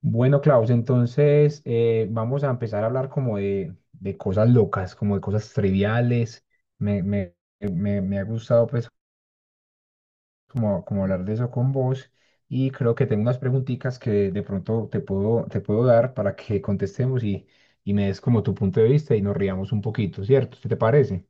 Bueno, Klaus, entonces vamos a empezar a hablar como de cosas locas, como de cosas triviales. Me ha gustado pues como hablar de eso con vos y creo que tengo unas preguntitas que de pronto te puedo dar para que contestemos y me des como tu punto de vista y nos riamos un poquito, ¿cierto? ¿Qué te parece?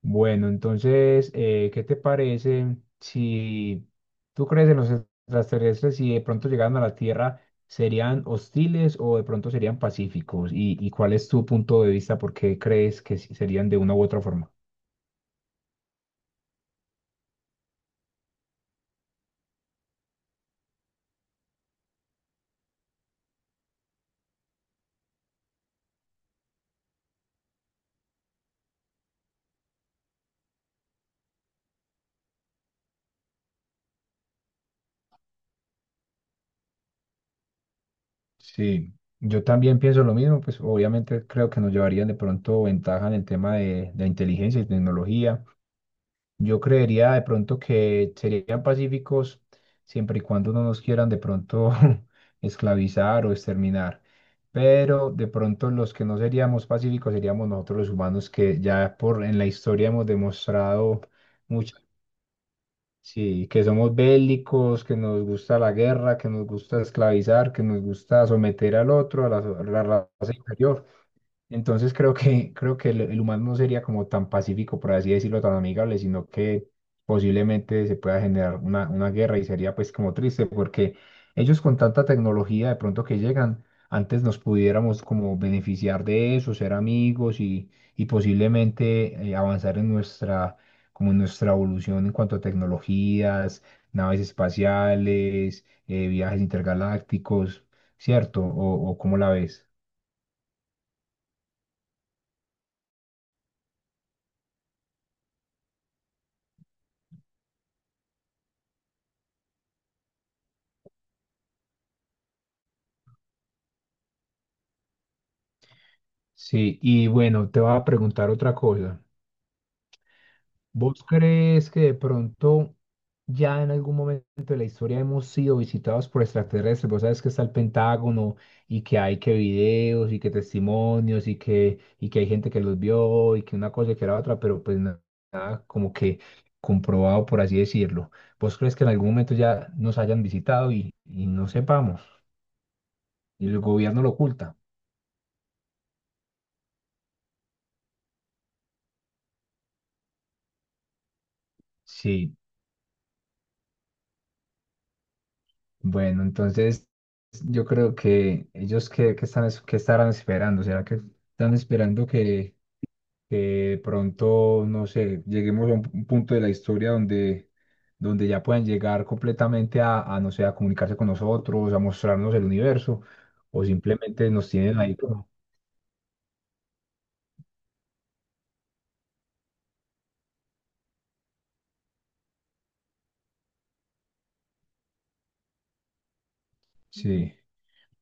Bueno, entonces, ¿qué te parece si tú crees en los extraterrestres y de pronto llegaran a la Tierra, serían hostiles o de pronto serían pacíficos? Y cuál es tu punto de vista? ¿Por qué crees que sí serían de una u otra forma? Sí, yo también pienso lo mismo, pues obviamente creo que nos llevarían de pronto ventaja en el tema de inteligencia y tecnología. Yo creería de pronto que serían pacíficos siempre y cuando no nos quieran de pronto esclavizar o exterminar. Pero de pronto los que no seríamos pacíficos seríamos nosotros los humanos que ya por en la historia hemos demostrado mucho, sí, que somos bélicos, que nos gusta la guerra, que nos gusta esclavizar, que nos gusta someter al otro, a la, so- a la raza inferior. Entonces creo que el humano no sería como tan pacífico, por así decirlo, tan amigable, sino que posiblemente se pueda generar una guerra y sería pues como triste porque ellos con tanta tecnología de pronto que llegan, antes nos pudiéramos como beneficiar de eso, ser amigos y posiblemente avanzar en nuestra, como en nuestra evolución en cuanto a tecnologías, naves espaciales, viajes intergalácticos, ¿cierto? O cómo la ves? Sí, y bueno, te voy a preguntar otra cosa. ¿Vos crees que de pronto ya en algún momento de la historia hemos sido visitados por extraterrestres? Vos sabes que está el Pentágono y que hay que videos y que testimonios y y que hay gente que los vio y que una cosa y que la otra, pero pues na- nada, como que comprobado, por así decirlo. ¿Vos crees que en algún momento ya nos hayan visitado y no sepamos y el gobierno lo oculta? Sí. Bueno, entonces yo creo que ellos están, es- qué estarán esperando. ¿Será que están esperando que de pronto, no sé, lleguemos a un punto de la historia donde, donde ya puedan llegar completamente a, no sé, a comunicarse.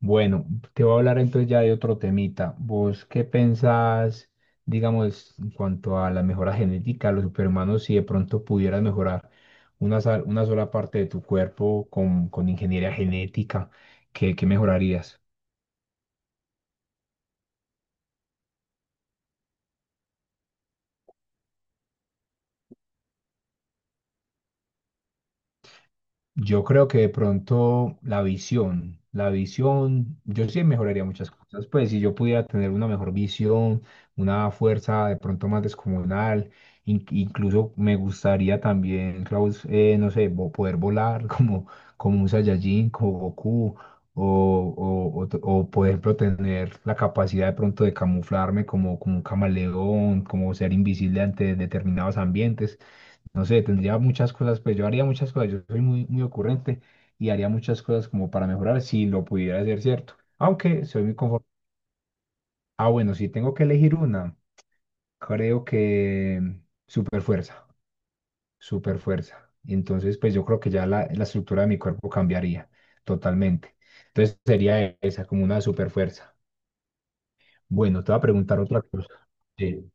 Bueno, te voy a hablar entonces ya de otro temita. ¿Vos qué pensás, digamos, en cuanto a la mejora genética los superhumanos, si de pronto pudieras mejorar una, sal- una sola parte de tu cuerpo con ingeniería genética, qué mejorarías? Yo creo que de pronto la visión, yo sí mejoraría muchas cosas, pues si yo pudiera tener una mejor visión, una fuerza de pronto más descomunal, in- incluso me gustaría también, Klaus, no sé, vo- poder volar como, como un Saiyajin, como Goku, o, por ejemplo tener la capacidad de pronto de camuflarme como, como un camaleón, como ser invisible ante determinados ambientes, no sé, tendría muchas cosas, pues yo haría muchas cosas, yo soy muy, muy ocurrente y haría muchas cosas como para mejorar si lo pudiera hacer, ¿cierto? Aunque soy muy conforme. Ah, bueno, si tengo que elegir una, creo que super fuerza, super fuerza. Entonces, pues yo creo que ya la estructura de mi cuerpo cambiaría totalmente. Entonces sería esa, como una super fuerza. Bueno, te voy a preguntar otra cosa. Sí.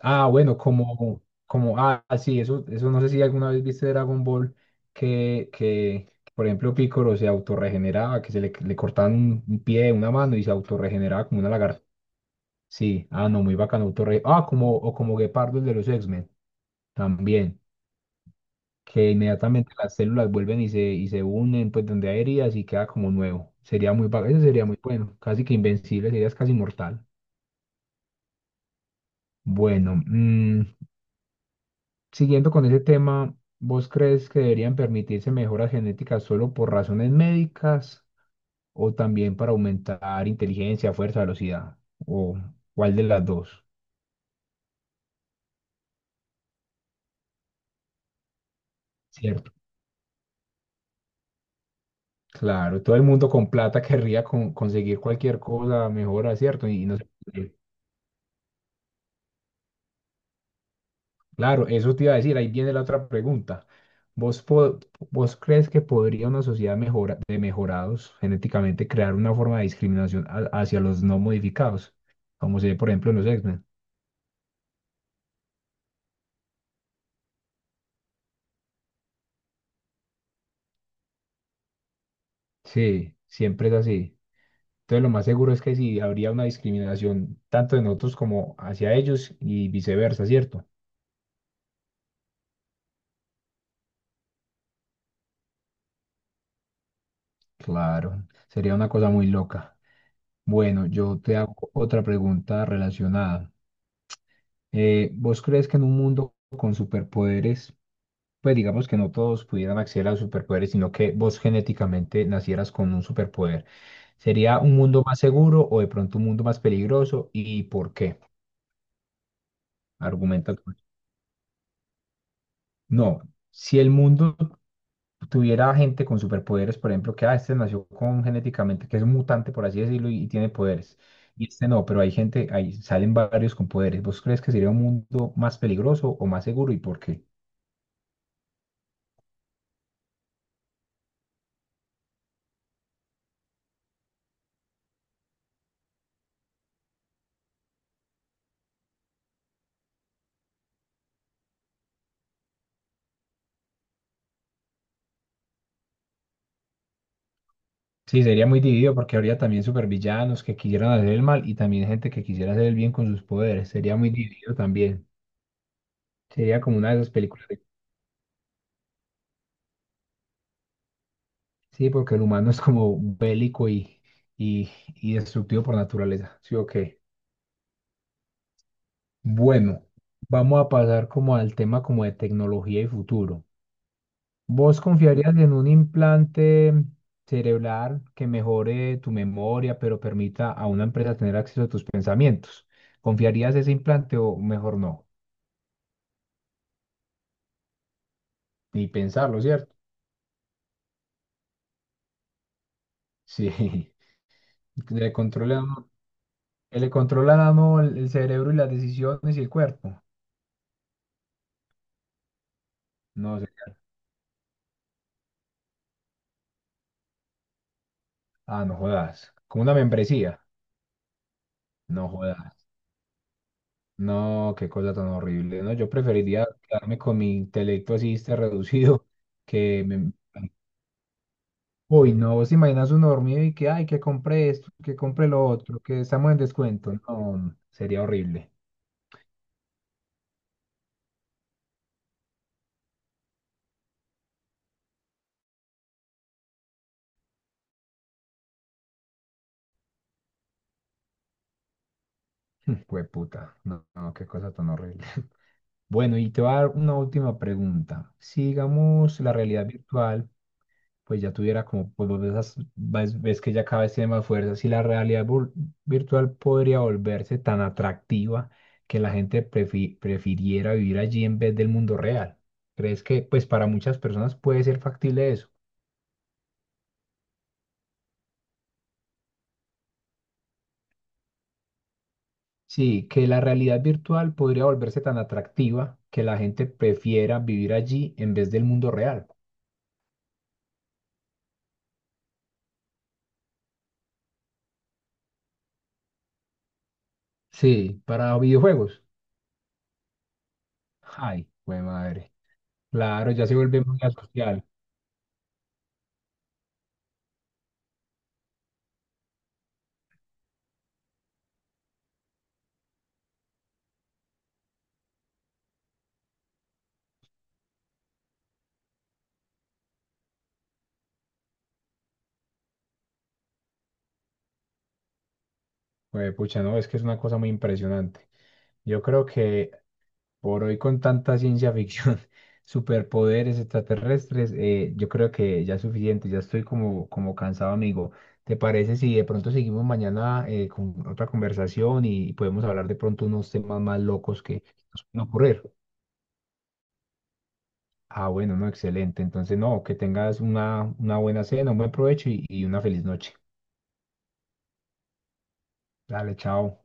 Ah, bueno, como, como, ah, sí, eso no sé si alguna vez viste Dragon Ball que, que, por ejemplo, Piccolo se autorregeneraba, que se le cortaban un pie, una mano y se autorregeneraba como una lagartija. Sí, ah, no, muy bacano, autorre- Ah, como, o como Gepardo el de los X-Men, también, que inmediatamente las células vuelven y se unen, pues donde hay heridas y queda como nuevo. Sería muy bacano, eso sería muy bueno, casi que invencible, serías casi inmortal. Bueno, siguiendo con ese tema, ¿vos crees que deberían permitirse mejoras genéticas solo por razones médicas o también para aumentar inteligencia, fuerza, velocidad? ¿O cuál de las dos? ¿Cierto? Claro, todo el mundo con plata querría con- conseguir cualquier cosa mejora, ¿cierto? Y no se puede. Claro, eso te iba a decir, ahí viene la otra pregunta. ¿Vos, po- vos crees que podría una sociedad mejora, de mejorados genéticamente crear una forma de discriminación a- hacia los no modificados? Como se ve, por ejemplo, en los x. Sí, siempre es así. Entonces lo más seguro es que sí habría una discriminación tanto de nosotros como hacia ellos y viceversa, ¿cierto? Claro, sería una cosa muy loca. Bueno, yo te hago otra pregunta relacionada. ¿Vos crees que en un mundo con superpoderes, pues digamos que no todos pudieran acceder a los superpoderes, sino que vos genéticamente nacieras con un superpoder, ¿sería un mundo más seguro o de pronto un mundo más peligroso y por qué? Argumenta tú. No, si el mundo tuviera gente con superpoderes, por ejemplo, que ah, este nació con genéticamente, que es un mutante, por así decirlo, y tiene poderes. Y este no, pero hay gente, ahí salen varios con poderes. ¿Vos crees que sería un mundo más peligroso o más seguro y por qué? Sí, sería muy dividido porque habría también supervillanos que quisieran hacer el mal y también gente que quisiera hacer el bien con sus poderes. Sería muy dividido también. Sería como una de esas películas. De- Sí, porque el humano es como bélico y, y destructivo por naturaleza. Sí, ok. Bueno, vamos a pasar como al tema como de tecnología y futuro. ¿Vos confiarías en un implante cerebral que mejore tu memoria, pero permita a una empresa tener acceso a tus pensamientos? ¿Confiarías ese implante o mejor no? Ni pensarlo, ¿cierto? Sí, que le controla, que le controlan a uno el cerebro y las decisiones y el cuerpo. No sé. Ah, no jodas. Como una membresía. No jodas. No, qué cosa tan horrible, ¿no? Yo preferiría quedarme con mi intelecto así este reducido que me... Uy, no, vos te imaginas uno dormido y que, ay, que compré esto, que compré lo otro, que estamos en descuento. No, sería horrible. Pues puta, no, no, qué cosa tan horrible. Bueno, y te voy a dar una última pregunta. Si digamos la realidad virtual, pues ya tuviera como, pues vos ves, as- ves- ves que ya cada vez tiene más fuerza, si la realidad vul- virtual podría volverse tan atractiva que la gente prefi- prefiriera vivir allí en vez del mundo real. ¿Crees que, pues para muchas personas puede ser factible eso? Sí, que la realidad virtual podría volverse tan atractiva que la gente prefiera vivir allí en vez del mundo real. Sí, para videojuegos. Ay, güey madre. Claro, ya se vuelve muy asocial. Güey, pucha, no, es que es una cosa muy impresionante. Yo creo que por hoy con tanta ciencia ficción, superpoderes extraterrestres, yo creo que ya es suficiente, ya estoy como, como cansado, amigo. ¿Te parece si de pronto seguimos mañana con otra conversación y podemos hablar de pronto unos temas más locos que nos pueden ocurrir? Ah, bueno, no, excelente. Entonces, no, que tengas una buena cena, un buen provecho y una feliz noche. Dale, chao.